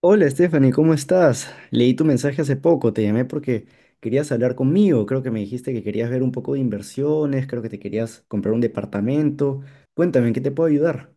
Hola Stephanie, ¿cómo estás? Leí tu mensaje hace poco, te llamé porque querías hablar conmigo, creo que me dijiste que querías ver un poco de inversiones, creo que te querías comprar un departamento. Cuéntame, ¿en qué te puedo ayudar?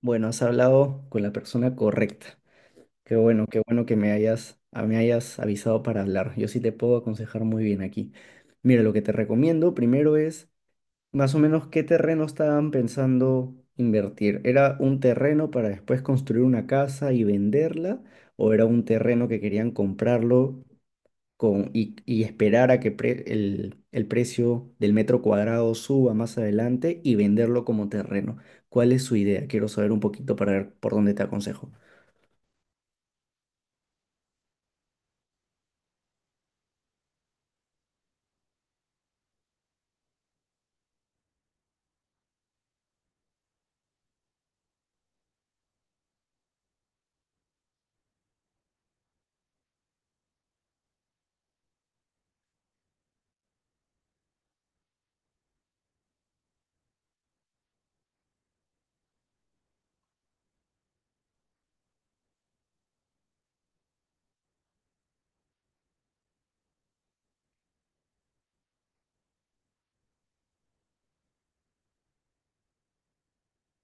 Bueno, has hablado con la persona correcta. Qué bueno que me hayas avisado para hablar. Yo sí te puedo aconsejar muy bien aquí. Mira, lo que te recomiendo primero es... Más o menos, ¿qué terreno estaban pensando invertir? ¿Era un terreno para después construir una casa y venderla? ¿O era un terreno que querían comprarlo y esperar a que el precio del metro cuadrado suba más adelante y venderlo como terreno? ¿Cuál es su idea? Quiero saber un poquito para ver por dónde te aconsejo.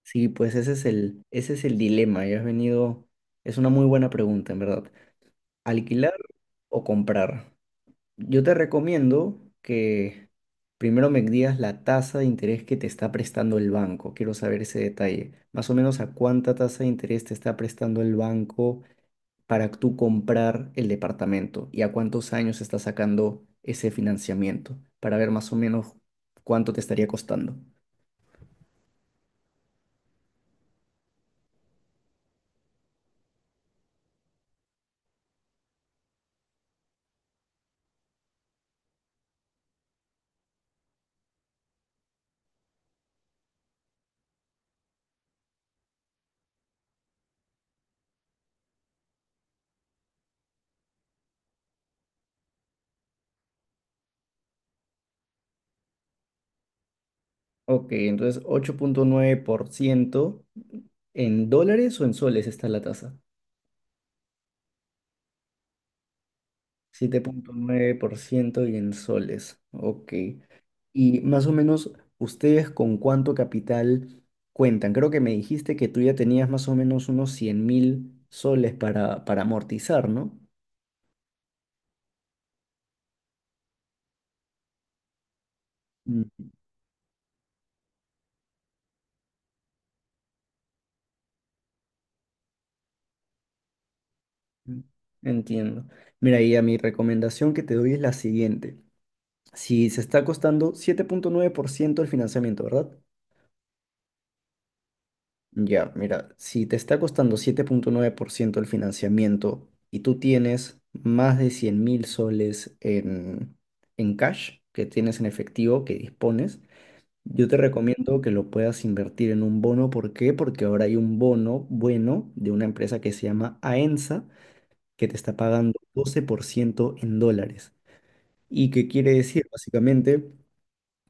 Sí, pues ese es el dilema. Ya has venido. Es una muy buena pregunta, en verdad. ¿Alquilar o comprar? Yo te recomiendo que primero me digas la tasa de interés que te está prestando el banco. Quiero saber ese detalle. Más o menos a cuánta tasa de interés te está prestando el banco para tú comprar el departamento y a cuántos años está sacando ese financiamiento para ver más o menos cuánto te estaría costando. Ok, entonces 8,9% en dólares o en soles está la tasa. 7,9% y en soles. Ok. Y más o menos, ¿ustedes con cuánto capital cuentan? Creo que me dijiste que tú ya tenías más o menos unos 100.000 soles para amortizar, ¿no? Mm. Entiendo. Mira, y a mi recomendación que te doy es la siguiente. Si se está costando 7,9% el financiamiento, ¿verdad? Ya, mira, si te está costando 7,9% el financiamiento y tú tienes más de 100.000 soles en cash que tienes en efectivo, que dispones. Yo te recomiendo que lo puedas invertir en un bono. ¿Por qué? Porque ahora hay un bono bueno de una empresa que se llama Aensa, que te está pagando 12% en dólares. ¿Y qué quiere decir? Básicamente,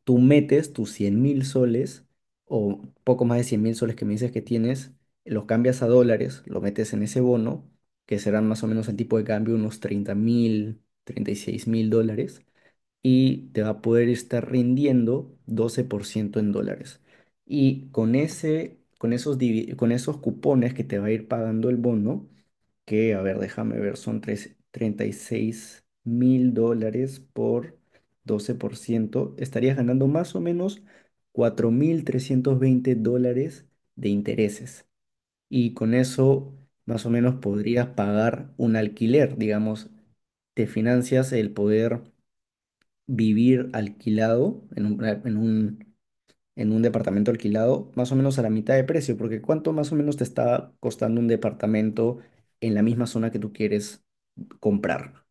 tú metes tus 100 mil soles o poco más de 100 mil soles que me dices que tienes, los cambias a dólares, lo metes en ese bono, que serán más o menos el tipo de cambio unos 30 mil, 36 mil dólares y te va a poder estar rindiendo 12% en dólares. Y con ese, con esos, divi- con esos cupones que te va a ir pagando el bono, que, a ver, déjame ver, son 36 mil dólares por 12%, estarías ganando más o menos $4.320 de intereses. Y con eso, más o menos, podrías pagar un alquiler, digamos, te financias el poder vivir alquilado en un departamento alquilado más o menos a la mitad de precio, porque ¿cuánto más o menos te está costando un departamento en la misma zona que tú quieres comprar?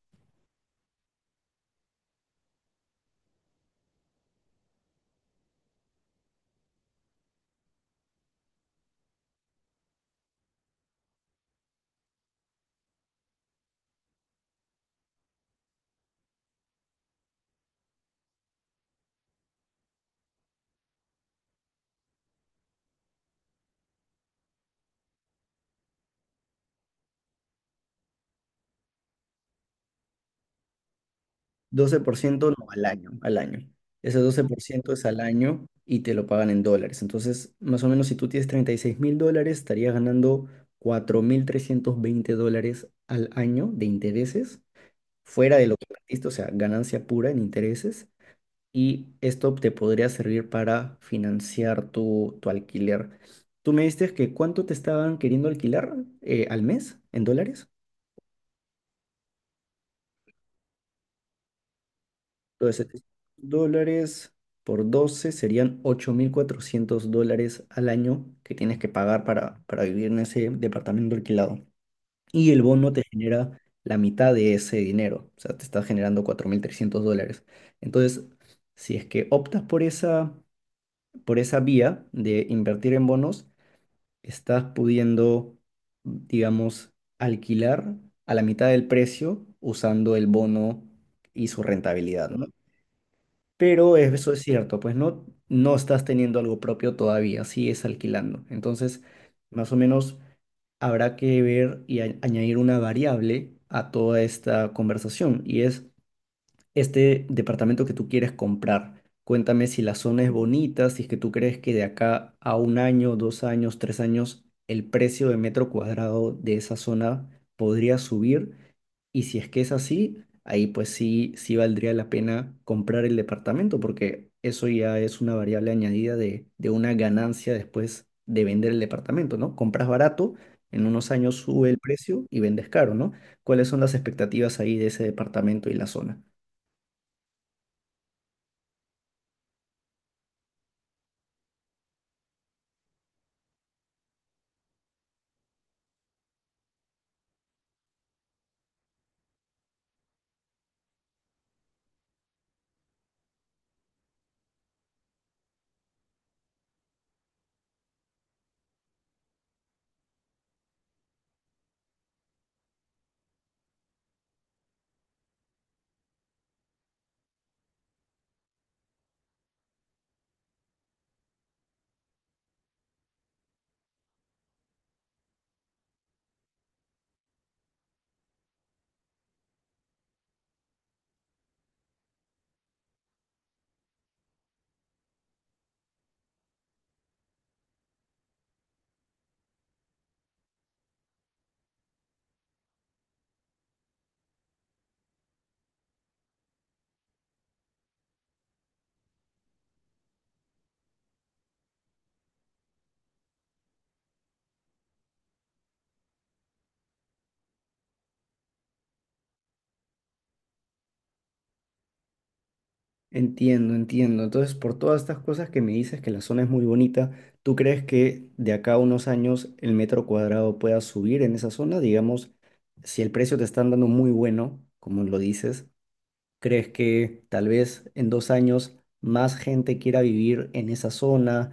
12% no, al año, al año. Ese 12% es al año y te lo pagan en dólares. Entonces, más o menos si tú tienes $36.000, estarías ganando $4.320 al año de intereses, fuera de lo que invertiste, o sea, ganancia pura en intereses, y esto te podría servir para financiar tu alquiler. Tú me diste que cuánto te estaban queriendo alquilar al mes en dólares. Entonces, dólares por 12 serían $8.400 al año que tienes que pagar para vivir en ese departamento alquilado. Y el bono te genera la mitad de ese dinero, o sea, te está generando $4.300. Entonces, si es que optas por esa vía de invertir en bonos, estás pudiendo, digamos, alquilar a la mitad del precio usando el bono y su rentabilidad, ¿no? Pero eso es cierto, pues no estás teniendo algo propio todavía, sigues alquilando. Entonces, más o menos habrá que ver y añadir una variable a toda esta conversación, y es este departamento que tú quieres comprar. Cuéntame si la zona es bonita, si es que tú crees que de acá a un año, dos años, tres años, el precio de metro cuadrado de esa zona podría subir. Y si es que es así, ahí pues sí valdría la pena comprar el departamento, porque eso ya es una variable añadida de una ganancia después de vender el departamento, ¿no? Compras barato, en unos años sube el precio y vendes caro, ¿no? ¿Cuáles son las expectativas ahí de ese departamento y la zona? Entiendo. Entonces, por todas estas cosas que me dices que la zona es muy bonita, ¿tú crees que de acá a unos años el metro cuadrado pueda subir en esa zona? Digamos, si el precio te están dando muy bueno, como lo dices, ¿crees que tal vez en dos años más gente quiera vivir en esa zona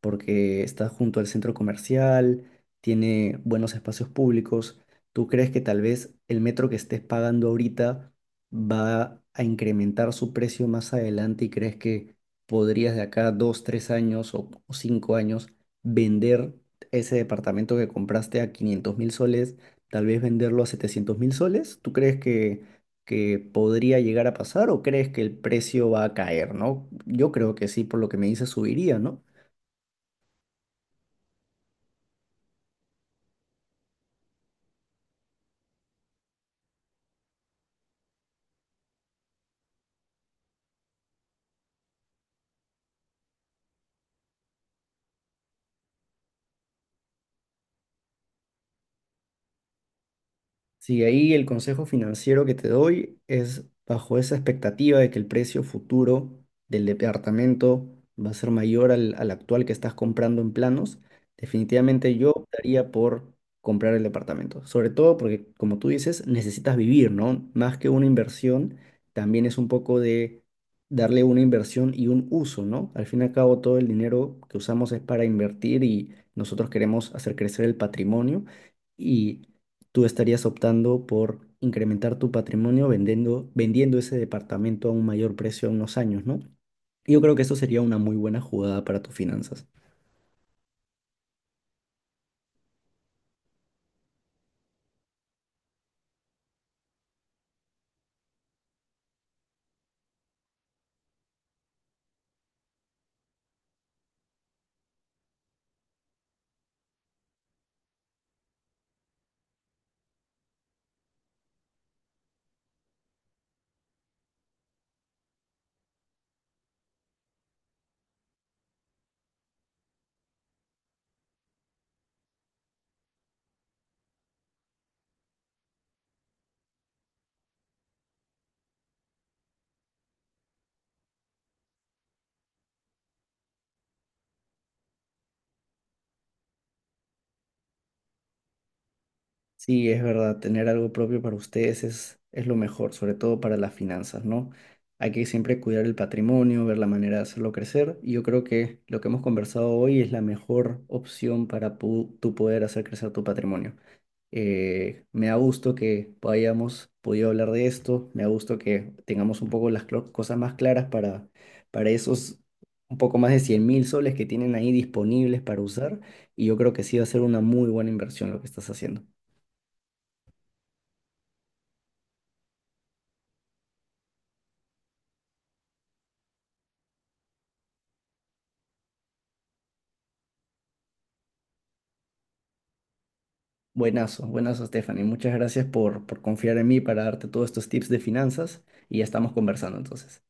porque está junto al centro comercial, tiene buenos espacios públicos? ¿Tú crees que tal vez el metro que estés pagando ahorita va a incrementar su precio más adelante y crees que podrías de acá dos, tres años o cinco años vender ese departamento que compraste a 500.000 soles, tal vez venderlo a 700.000 soles? ¿Tú crees que podría llegar a pasar o crees que el precio va a caer, ¿no? Yo creo que sí, por lo que me dice, subiría, ¿no? Sí, ahí el consejo financiero que te doy es bajo esa expectativa de que el precio futuro del departamento va a ser mayor al actual que estás comprando en planos. Definitivamente yo optaría por comprar el departamento, sobre todo porque, como tú dices, necesitas vivir, ¿no? Más que una inversión, también es un poco de darle una inversión y un uso, ¿no? Al fin y al cabo, todo el dinero que usamos es para invertir y nosotros queremos hacer crecer el patrimonio. Y tú estarías optando por incrementar tu patrimonio vendiendo ese departamento a un mayor precio a unos años, ¿no? Y yo creo que eso sería una muy buena jugada para tus finanzas. Sí, es verdad, tener algo propio para ustedes es lo mejor, sobre todo para las finanzas, ¿no? Hay que siempre cuidar el patrimonio, ver la manera de hacerlo crecer, y yo creo que lo que hemos conversado hoy es la mejor opción para tú poder hacer crecer tu patrimonio. Me da gusto que hayamos podido hablar de esto, me da gusto que tengamos un poco las cosas más claras para esos un poco más de 100.000 soles que tienen ahí disponibles para usar, y yo creo que sí va a ser una muy buena inversión lo que estás haciendo. Buenazo, Stephanie, muchas gracias por confiar en mí para darte todos estos tips de finanzas, y ya estamos conversando entonces.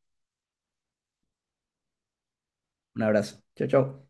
Un abrazo, chao, chao.